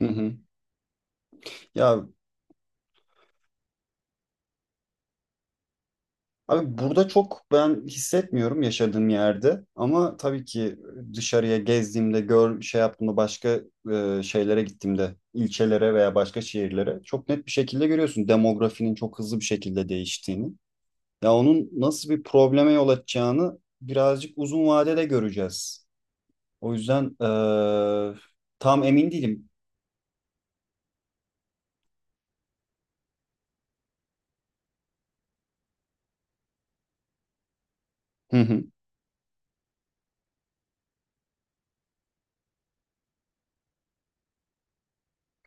Hı hı. Ya abi, burada çok ben hissetmiyorum yaşadığım yerde ama tabii ki dışarıya gezdiğimde şey yaptığımda, başka şeylere gittiğimde, ilçelere veya başka şehirlere çok net bir şekilde görüyorsun demografinin çok hızlı bir şekilde değiştiğini. Ya onun nasıl bir probleme yol açacağını birazcık uzun vadede göreceğiz. O yüzden e, tam emin değilim. Hı hı,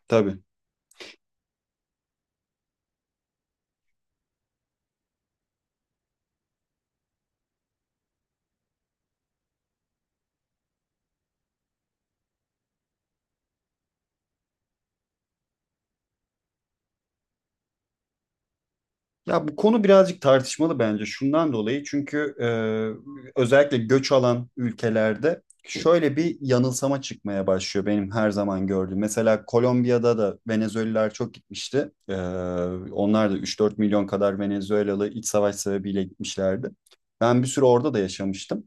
tabii. Ya, bu konu birazcık tartışmalı bence şundan dolayı, çünkü özellikle göç alan ülkelerde şöyle bir yanılsama çıkmaya başlıyor, benim her zaman gördüğüm. Mesela Kolombiya'da da Venezuelalılar çok gitmişti. Onlar da 3-4 milyon kadar Venezuelalı, iç savaş sebebiyle gitmişlerdi. Ben bir süre orada da yaşamıştım.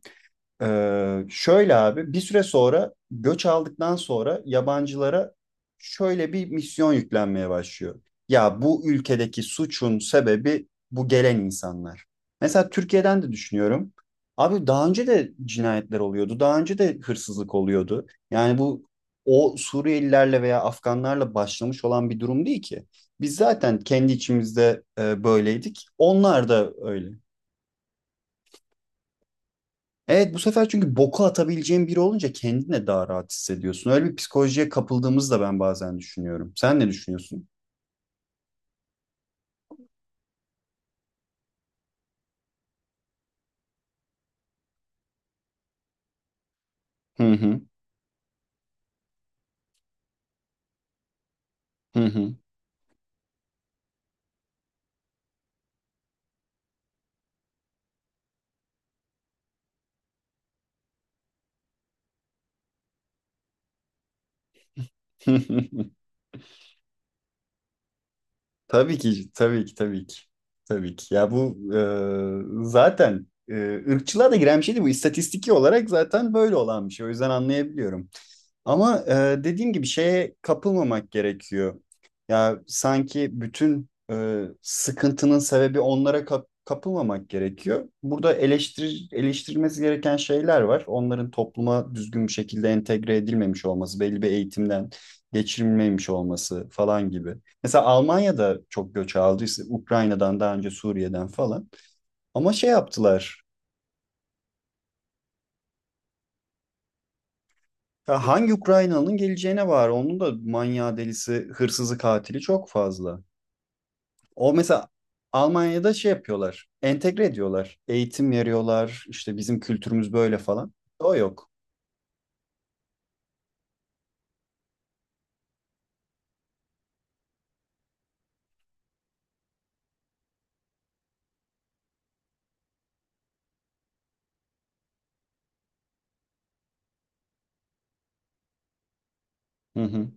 Şöyle abi, bir süre sonra göç aldıktan sonra yabancılara şöyle bir misyon yüklenmeye başlıyor. Ya bu ülkedeki suçun sebebi bu gelen insanlar. Mesela Türkiye'den de düşünüyorum. Abi daha önce de cinayetler oluyordu. Daha önce de hırsızlık oluyordu. Yani bu o Suriyelilerle veya Afganlarla başlamış olan bir durum değil ki. Biz zaten kendi içimizde böyleydik. Onlar da öyle. Evet, bu sefer çünkü boku atabileceğin biri olunca kendine daha rahat hissediyorsun. Öyle bir psikolojiye kapıldığımızı da ben bazen düşünüyorum. Sen ne düşünüyorsun? Hı hı, hı hı. Tabii ki, tabii ki, tabii ki. Tabii ki. Ya bu zaten ırkçılığa da giren bir şeydi bu. İstatistiki olarak zaten böyle olan bir şey. O yüzden anlayabiliyorum. Ama dediğim gibi şeye kapılmamak gerekiyor. Ya sanki bütün sıkıntının sebebi onlara kapılmamak gerekiyor. Burada eleştirilmesi gereken şeyler var. Onların topluma düzgün bir şekilde entegre edilmemiş olması, belli bir eğitimden geçirilmemiş olması falan gibi. Mesela Almanya'da çok göç aldıysa Ukrayna'dan daha önce, Suriye'den falan. Ama şey yaptılar. Ya hangi Ukraynalı'nın geleceğine var. Onun da manyağı, delisi, hırsızı, katili çok fazla. O mesela Almanya'da şey yapıyorlar. Entegre ediyorlar. Eğitim veriyorlar. İşte bizim kültürümüz böyle falan. O yok. Hı hı.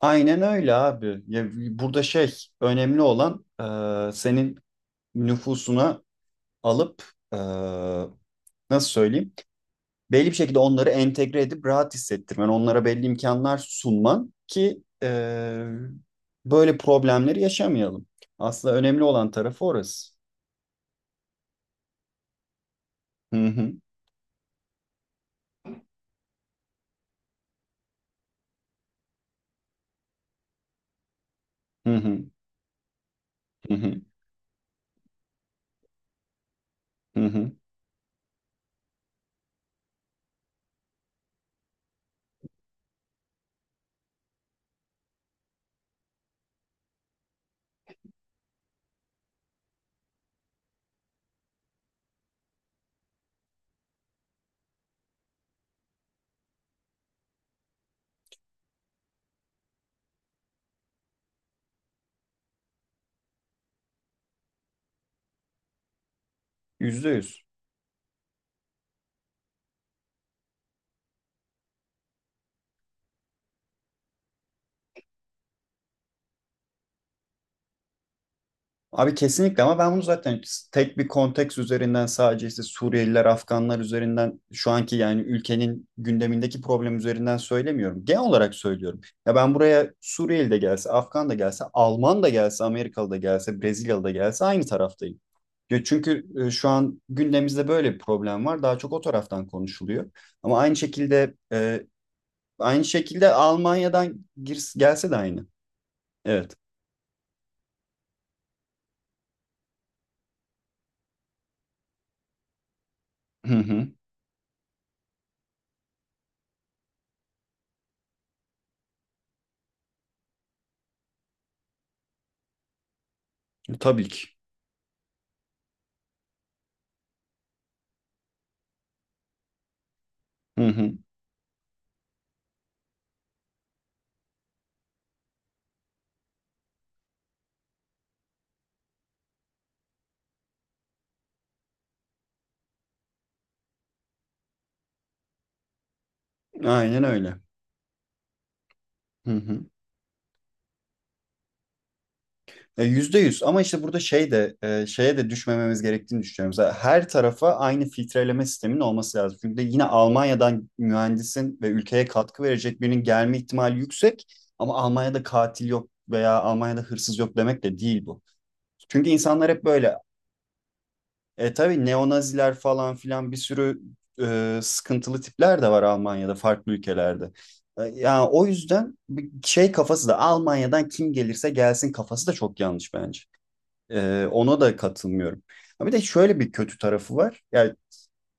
Aynen öyle abi. Ya, burada şey, önemli olan senin nüfusuna alıp e, nasıl söyleyeyim, belli bir şekilde onları entegre edip rahat hissettirmen. Onlara belli imkanlar sunman ki böyle problemleri yaşamayalım. Aslında önemli olan tarafı orası. Hı hı. Hı hı. Hı hı. Hı hı. %100. Abi kesinlikle, ama ben bunu zaten tek bir konteks üzerinden, sadece işte Suriyeliler, Afganlar üzerinden, şu anki yani ülkenin gündemindeki problem üzerinden söylemiyorum. Genel olarak söylüyorum. Ya ben buraya Suriyeli de gelse, Afgan da gelse, Alman da gelse, Amerikalı da gelse, Brezilyalı da gelse aynı taraftayım. Ya çünkü şu an gündemimizde böyle bir problem var. Daha çok o taraftan konuşuluyor. Ama aynı şekilde Almanya'dan gelse de aynı. Evet. Hı hı. Tabii ki. Hı hı. Aynen öyle. Hı hı. Yüzde yüz, ama işte burada şey de şeye de düşmememiz gerektiğini düşünüyorum. Mesela her tarafa aynı filtreleme sistemin olması lazım. Çünkü yine Almanya'dan mühendisin ve ülkeye katkı verecek birinin gelme ihtimali yüksek, ama Almanya'da katil yok veya Almanya'da hırsız yok demek de değil bu. Çünkü insanlar hep böyle. E, tabii neonaziler falan filan bir sürü sıkıntılı tipler de var Almanya'da, farklı ülkelerde. Yani o yüzden bir şey kafası da, Almanya'dan kim gelirse gelsin kafası da çok yanlış bence. Ona da katılmıyorum. Ha, bir de şöyle bir kötü tarafı var. Yani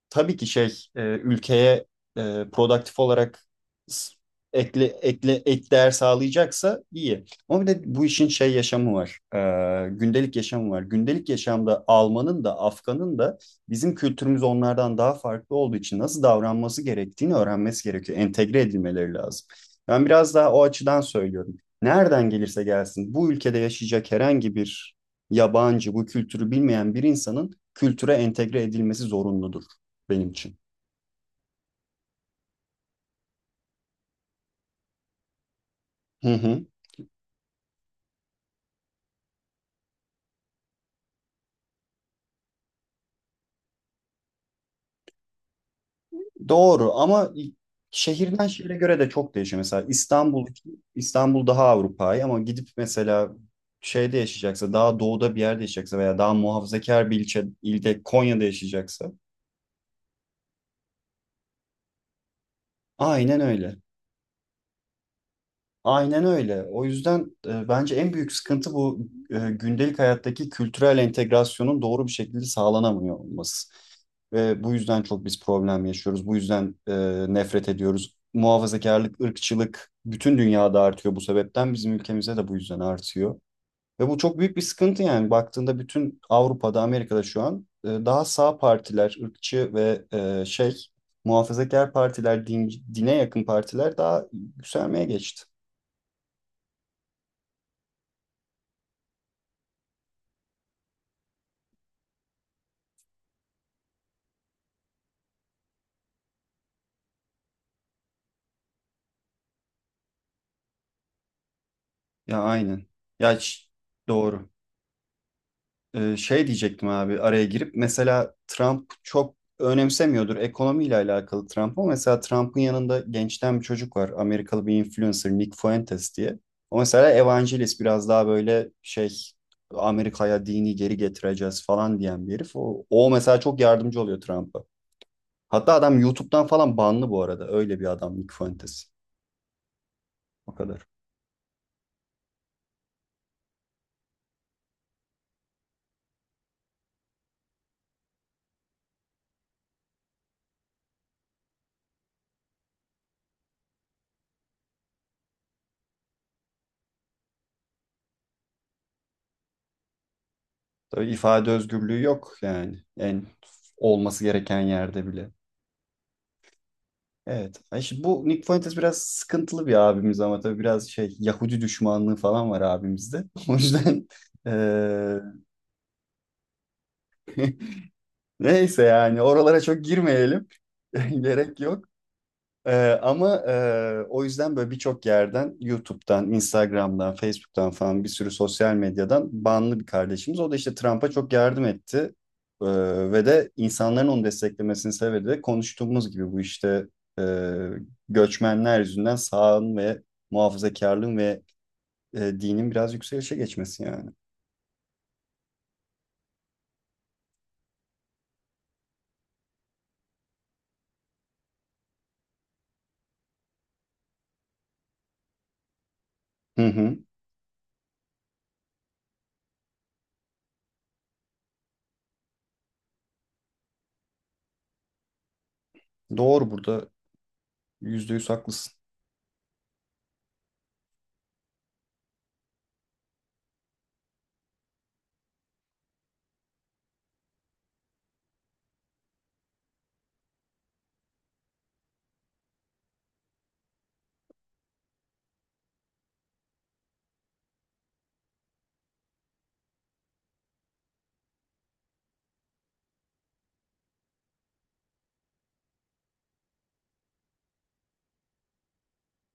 tabii ki şey ülkeye produktif olarak s- ekle ek değer sağlayacaksa iyi. Ama bir de bu işin şey yaşamı var. Gündelik yaşamı var. Gündelik yaşamda Alman'ın da Afgan'ın da bizim kültürümüz onlardan daha farklı olduğu için nasıl davranması gerektiğini öğrenmesi gerekiyor. Entegre edilmeleri lazım. Ben biraz daha o açıdan söylüyorum. Nereden gelirse gelsin, bu ülkede yaşayacak herhangi bir yabancı, bu kültürü bilmeyen bir insanın kültüre entegre edilmesi zorunludur benim için. Hı hı. Doğru, ama şehirden şehire göre de çok değişiyor. Mesela İstanbul, daha Avrupa'yı, ama gidip mesela şeyde yaşayacaksa, daha doğuda bir yerde yaşayacaksa veya daha muhafazakar bir ilde, Konya'da yaşayacaksa, aynen öyle. Aynen öyle. O yüzden bence en büyük sıkıntı bu, gündelik hayattaki kültürel entegrasyonun doğru bir şekilde sağlanamıyor olması. Ve bu yüzden çok biz problem yaşıyoruz. Bu yüzden nefret ediyoruz. Muhafazakarlık, ırkçılık bütün dünyada artıyor bu sebepten. Bizim ülkemizde de bu yüzden artıyor. Ve bu çok büyük bir sıkıntı yani. Baktığında bütün Avrupa'da, Amerika'da şu an daha sağ partiler, ırkçı ve e, şey muhafazakar partiler, dine yakın partiler daha yükselmeye geçti. Ya aynen. Ya ş- doğru. Şey diyecektim abi, araya girip, mesela Trump çok önemsemiyordur ekonomiyle alakalı Trump, ama mesela Trump'ın yanında gençten bir çocuk var. Amerikalı bir influencer, Nick Fuentes diye. O mesela evangelist, biraz daha böyle şey, Amerika'ya dini geri getireceğiz falan diyen bir herif. O mesela çok yardımcı oluyor Trump'a. Hatta adam YouTube'dan falan banlı bu arada. Öyle bir adam Nick Fuentes. O kadar. Tabii ifade özgürlüğü yok yani, en olması gereken yerde bile. Evet. Ay şimdi bu Nick Fuentes biraz sıkıntılı bir abimiz, ama tabii biraz şey Yahudi düşmanlığı falan var abimizde. O yüzden eee, neyse, yani oralara çok girmeyelim. Gerek yok. Ama o yüzden böyle birçok yerden, YouTube'dan, Instagram'dan, Facebook'tan falan bir sürü sosyal medyadan banlı bir kardeşimiz. O da işte Trump'a çok yardım etti. Ee, ve de insanların onu desteklemesini sevdi. De konuştuğumuz gibi bu işte e, göçmenler yüzünden sağın ve muhafazakarlığın ve dinin biraz yükselişe geçmesi yani. Hı hı. Doğru, burada %100 haklısın.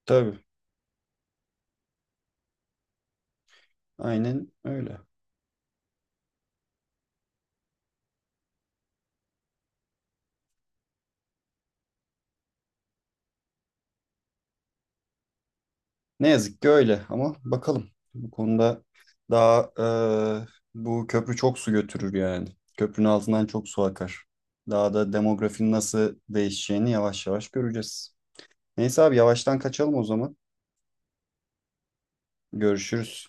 Tabii, aynen öyle. Ne yazık ki öyle ama bakalım. Bu konuda daha e, bu köprü çok su götürür yani. Köprünün altından çok su akar. Daha da demografinin nasıl değişeceğini yavaş yavaş göreceğiz. Neyse abi, yavaştan kaçalım o zaman. Görüşürüz.